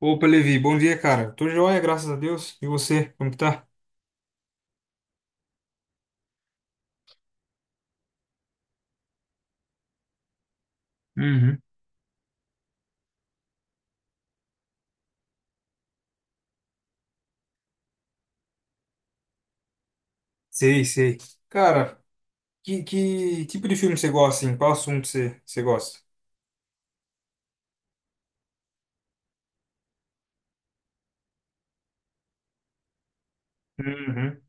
Opa, Levi, bom dia, cara. Tô joia, graças a Deus. E você, como que tá? Uhum. Sei, sei. Cara, que tipo de filme você gosta, assim? Qual assunto você gosta? Uhum.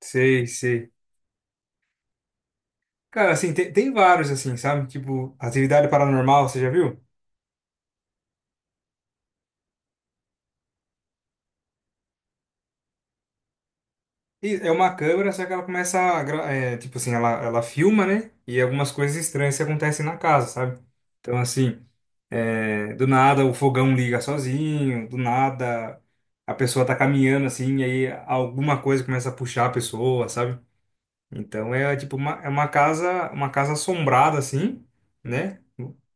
Sei, sei. Cara, assim, tem vários, assim, sabe? Tipo, Atividade Paranormal, você já viu? E é uma câmera, só que ela começa a, tipo assim, ela filma, né? E algumas coisas estranhas que acontecem na casa, sabe? Então, assim, do nada o fogão liga sozinho, do nada a pessoa tá caminhando assim, e aí alguma coisa começa a puxar a pessoa, sabe? Então é tipo uma casa assombrada assim, né?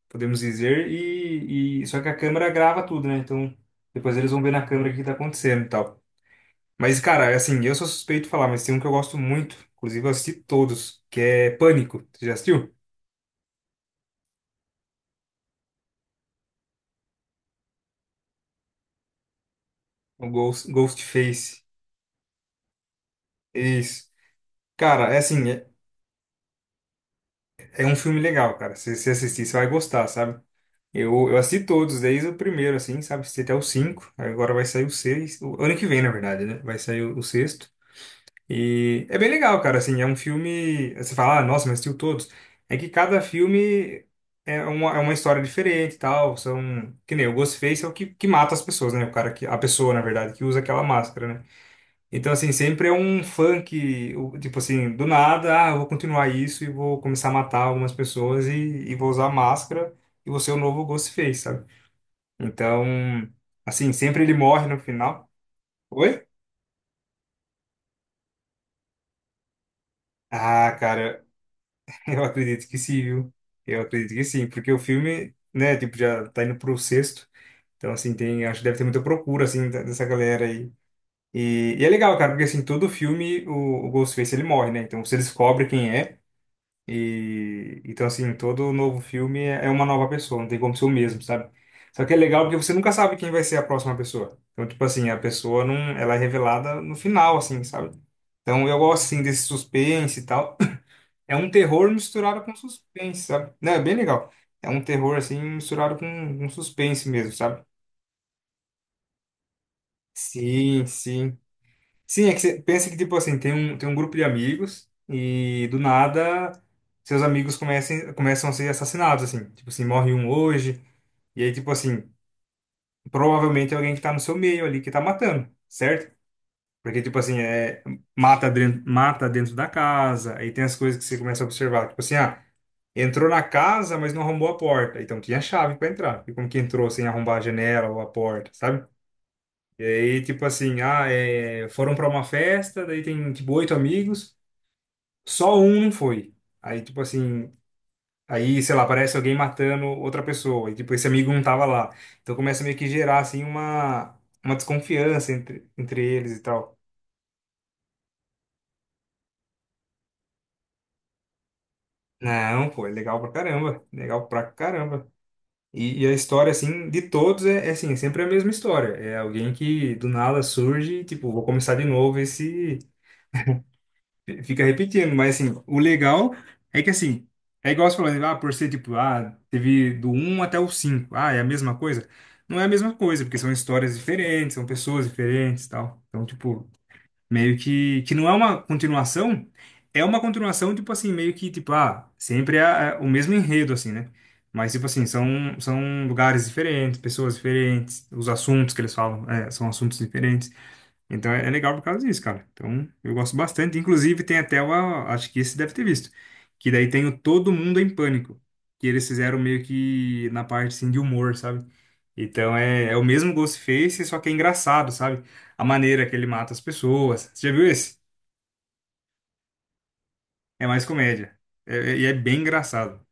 Podemos dizer, e só que a câmera grava tudo, né? Então depois eles vão ver na câmera o que tá acontecendo e tal. Mas, cara, assim, eu sou suspeito de falar, mas tem um que eu gosto muito, inclusive eu assisti todos, que é Pânico. Você já assistiu? O Ghostface. Isso. Cara, é assim, é um filme legal, cara. Se você assistir, você vai gostar, sabe? Eu assisti todos, desde o primeiro, assim, sabe? Assisti até o cinco, agora vai sair o seis. O ano que vem, na verdade, né? Vai sair o sexto. E é bem legal, cara, assim, é um filme, você fala, ah, nossa, mas assistiu todos. É que cada filme é uma história diferente e tal, que nem o Ghostface é o que mata as pessoas, né? A pessoa, na verdade, que usa aquela máscara, né? Então, assim, sempre é um funk, tipo assim, do nada, ah, eu vou continuar isso e vou começar a matar algumas pessoas e vou usar máscara e vou ser o novo Ghostface, sabe? Então, assim, sempre ele morre no final. Oi? Ah, cara. Eu acredito que sim, viu? Eu acredito que sim, porque o filme, né, tipo, já tá indo pro sexto. Então, assim, tem, acho que deve ter muita procura, assim, dessa galera aí. E é legal, cara, porque, assim, todo filme o Ghostface, ele morre, né? Então, você descobre quem é. E, então, assim, todo novo filme é uma nova pessoa, não tem como ser o mesmo, sabe? Só que é legal porque você nunca sabe quem vai ser a próxima pessoa. Então, tipo assim, a pessoa não, ela é revelada no final, assim, sabe? Então, eu gosto, assim, desse suspense e tal. É um terror misturado com suspense, sabe? Não, é bem legal. É um terror, assim, misturado com um suspense mesmo, sabe? Sim, sim. Sim, é que você pensa que, tipo assim, tem um grupo de amigos e, do nada, seus amigos começam a ser assassinados, assim. Tipo assim, morre um hoje. E aí, tipo assim, provavelmente é alguém que tá no seu meio ali que tá matando, certo? Porque, tipo assim, mata dentro da casa. Aí tem as coisas que você começa a observar. Tipo assim, entrou na casa, mas não arrombou a porta. Então tinha chave para entrar. E como que entrou sem arrombar a janela ou a porta, sabe? E aí, tipo assim, foram para uma festa, daí tem tipo oito amigos, só um não foi. Aí, tipo assim, aí, sei lá, parece alguém matando outra pessoa. E tipo, esse amigo não tava lá. Então começa meio que gerar assim uma desconfiança entre eles e tal. Não, pô, é legal pra caramba. Legal pra caramba. E a história, assim, de todos é, assim, é sempre a mesma história. É alguém que do nada surge, e, tipo, vou começar de novo, esse fica repetindo. Mas, assim, o legal é que, assim, é igual você falou, né? Por ser, tipo, teve do um até o cinco. Ah, é a mesma coisa? Não é a mesma coisa, porque são histórias diferentes, são pessoas diferentes e tal. Então, tipo, meio que não é uma continuação, é uma continuação, tipo assim, meio que, tipo, sempre é o mesmo enredo, assim, né? Mas, tipo assim, são lugares diferentes, pessoas diferentes, os assuntos que eles falam, são assuntos diferentes. Então é legal por causa disso, cara. Então eu gosto bastante. Inclusive tem até uma, acho que esse deve ter visto, que daí tem o Todo Mundo em Pânico, que eles fizeram meio que na parte, assim, de humor, sabe? Então é o mesmo Ghostface, só que é engraçado, sabe? A maneira que ele mata as pessoas. Você já viu esse? É mais comédia. E é bem engraçado.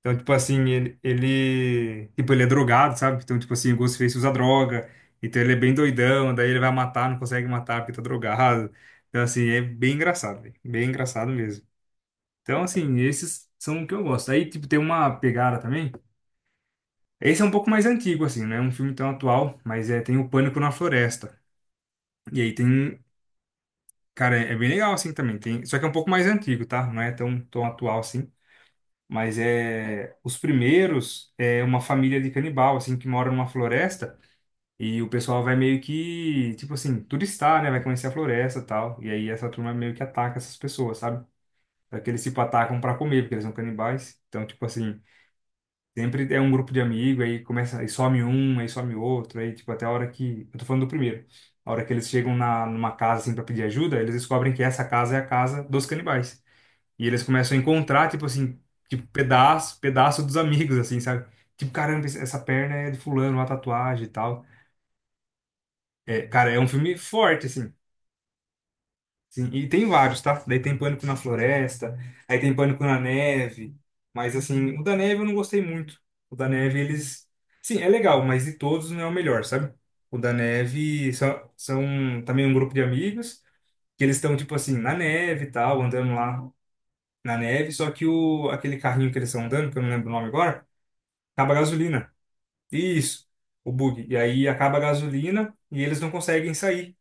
Então, tipo assim, ele. Tipo, ele é drogado, sabe? Então, tipo assim, o Ghostface usa droga. Então ele é bem doidão, daí ele vai matar, não consegue matar porque tá drogado. Então, assim, é bem engraçado, velho. Bem engraçado mesmo. Então, assim, esses são o que eu gosto. Aí, tipo, tem uma pegada também. Esse é um pouco mais antigo, assim, não é um filme tão atual, mas é, tem o Pânico na Floresta. E aí tem. Cara, é bem legal assim também. Tem, só que é um pouco mais antigo, tá? Não é tão, tão atual assim. Mas é os primeiros é uma família de canibal assim que mora numa floresta e o pessoal vai meio que, tipo assim, turistar, né? Vai conhecer a floresta, e tal. E aí essa turma meio que ataca essas pessoas, sabe? Só que eles tipo atacam pra comer, porque eles são canibais. Então, tipo assim, sempre é um grupo de amigo, aí começa, aí some um, aí some outro, aí tipo, até a hora que. Eu tô falando do primeiro. A hora que eles chegam numa casa assim pra pedir ajuda, eles descobrem que essa casa é a casa dos canibais. E eles começam a encontrar, tipo assim, tipo, pedaço, pedaço dos amigos, assim, sabe? Tipo, caramba, essa perna é de fulano, uma tatuagem e tal. É, cara, é um filme forte, assim. Sim, e tem vários, tá? Daí tem Pânico na Floresta, aí tem Pânico na Neve, mas assim, o da Neve eu não gostei muito. O da Neve, eles. Sim, é legal, mas de todos não é o melhor, sabe? O da Neve são também um grupo de amigos, que eles estão, tipo assim, na neve e tal, andando lá na neve, só que aquele carrinho que eles estão andando, que eu não lembro o nome agora, acaba a gasolina. Isso, o bug. E aí acaba a gasolina e eles não conseguem sair.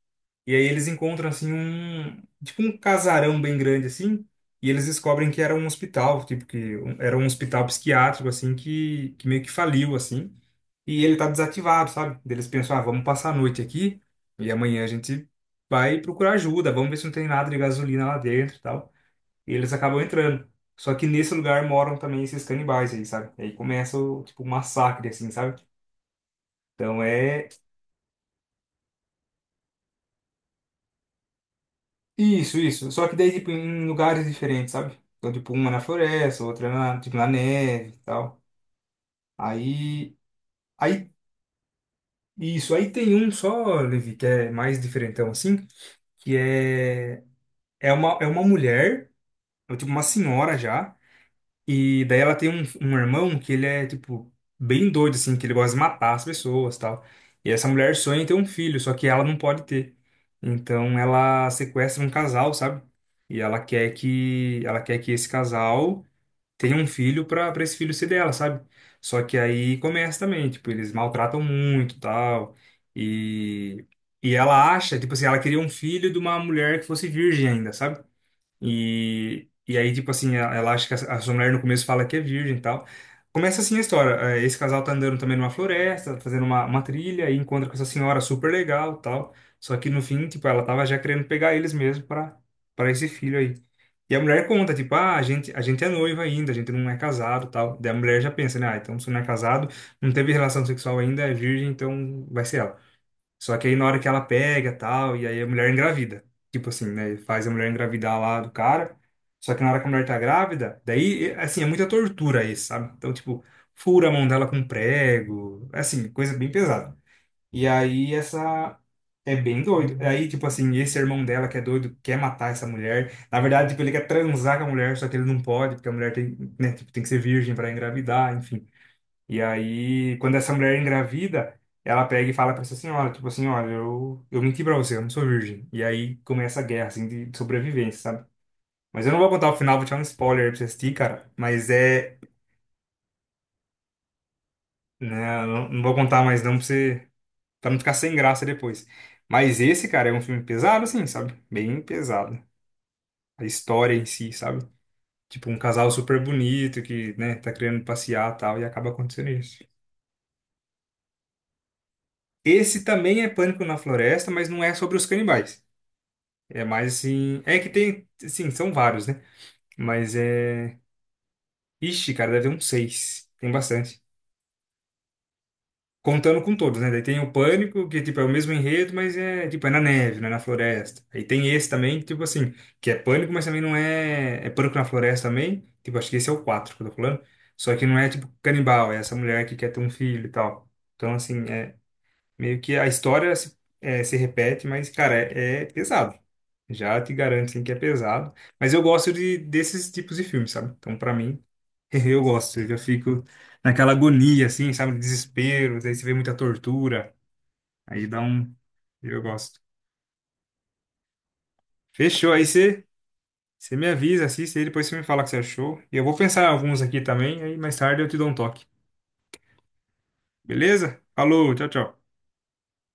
E aí eles encontram assim um, tipo um casarão bem grande assim, e eles descobrem que era um hospital, tipo que era um hospital psiquiátrico assim que meio que faliu assim, e ele tá desativado, sabe? Daí eles pensam, ah, vamos passar a noite aqui e amanhã a gente vai procurar ajuda, vamos ver se não tem nada de gasolina lá dentro, e tal. E eles acabam entrando. Só que nesse lugar moram também esses canibais aí, sabe? E aí começa o, tipo, um massacre assim, sabe? Então é. Isso, isso. Só que daí, tipo, em lugares diferentes, sabe? Então, tipo, uma na floresta, outra na, tipo, na neve e tal. Aí, aí, isso. Aí tem um só, Levi, que é mais diferentão, assim, que é uma mulher, ou tipo, uma senhora já. E daí ela tem um irmão que ele é, tipo, bem doido, assim, que ele gosta de matar as pessoas tal. E essa mulher sonha em ter um filho, só que ela não pode ter. Então ela sequestra um casal, sabe? E ela quer que esse casal tenha um filho pra para esse filho ser dela, sabe? Só que aí começa também, tipo, eles maltratam muito, tal. E e ela acha, tipo assim, ela queria um filho de uma mulher que fosse virgem ainda, sabe? E aí, tipo assim, ela acha que a sua mulher no começo fala que é virgem e tal. Começa assim a história. Esse casal tá andando também numa floresta, fazendo uma trilha, e encontra com essa senhora super legal e tal. Só que no fim, tipo, ela tava já querendo pegar eles mesmo pra para esse filho aí. E a mulher conta, tipo, ah, a gente é noiva ainda, a gente não é casado e tal. Daí a mulher já pensa, né? Ah, então se não é casado, não teve relação sexual ainda, é virgem, então vai ser ela. Só que aí na hora que ela pega tal, e aí a mulher engravida. Tipo assim, né? Faz a mulher engravidar lá do cara. Só que na hora que a mulher tá grávida, daí, assim, é muita tortura isso, sabe? Então, tipo, fura a mão dela com um prego. É assim, coisa bem pesada. E aí essa. É bem doido. Aí, tipo assim, esse irmão dela que é doido quer matar essa mulher. Na verdade, tipo, ele quer transar com a mulher, só que ele não pode, porque a mulher tem, né, tipo, tem que ser virgem para engravidar, enfim. E aí, quando essa mulher é engravida, ela pega e fala pra essa senhora, tipo assim, olha, eu menti pra você, eu não sou virgem. E aí começa a guerra, assim, de sobrevivência, sabe? Mas eu não vou contar o final, vou te dar um spoiler aí pra você assistir, cara. Mas é, né, eu não vou contar mais não pra você, pra não ficar sem graça depois. Mas esse, cara, é um filme pesado, assim, sabe? Bem pesado. A história em si, sabe? Tipo, um casal super bonito que, né, tá querendo passear e tal, e acaba acontecendo isso. Esse também é Pânico na Floresta, mas não é sobre os canibais. É mais assim. É que tem. Sim, são vários, né? Mas é. Ixi, cara, deve ter uns seis. Tem bastante. Contando com todos, né? Daí tem o Pânico, que tipo, é o mesmo enredo, mas é tipo, é na neve, né? Na floresta. Aí tem esse também, tipo assim, que é Pânico, mas também não é. É Pânico na floresta também. Tipo, acho que esse é o 4 que eu tô falando. Só que não é tipo canibal, é essa mulher que quer ter um filho e tal. Então, assim, meio que a história se repete, mas, cara, é pesado. Já te garanto, assim, que é pesado. Mas eu gosto desses tipos de filmes, sabe? Então, pra mim, eu gosto. Eu já fico naquela agonia, assim, sabe? Desespero. Daí você vê muita tortura. Aí dá um... Eu gosto. Fechou. Aí você me avisa, assiste aí. Depois você me fala o que você achou. E eu vou pensar em alguns aqui também. Aí mais tarde eu te dou um toque. Beleza? Falou, tchau, tchau.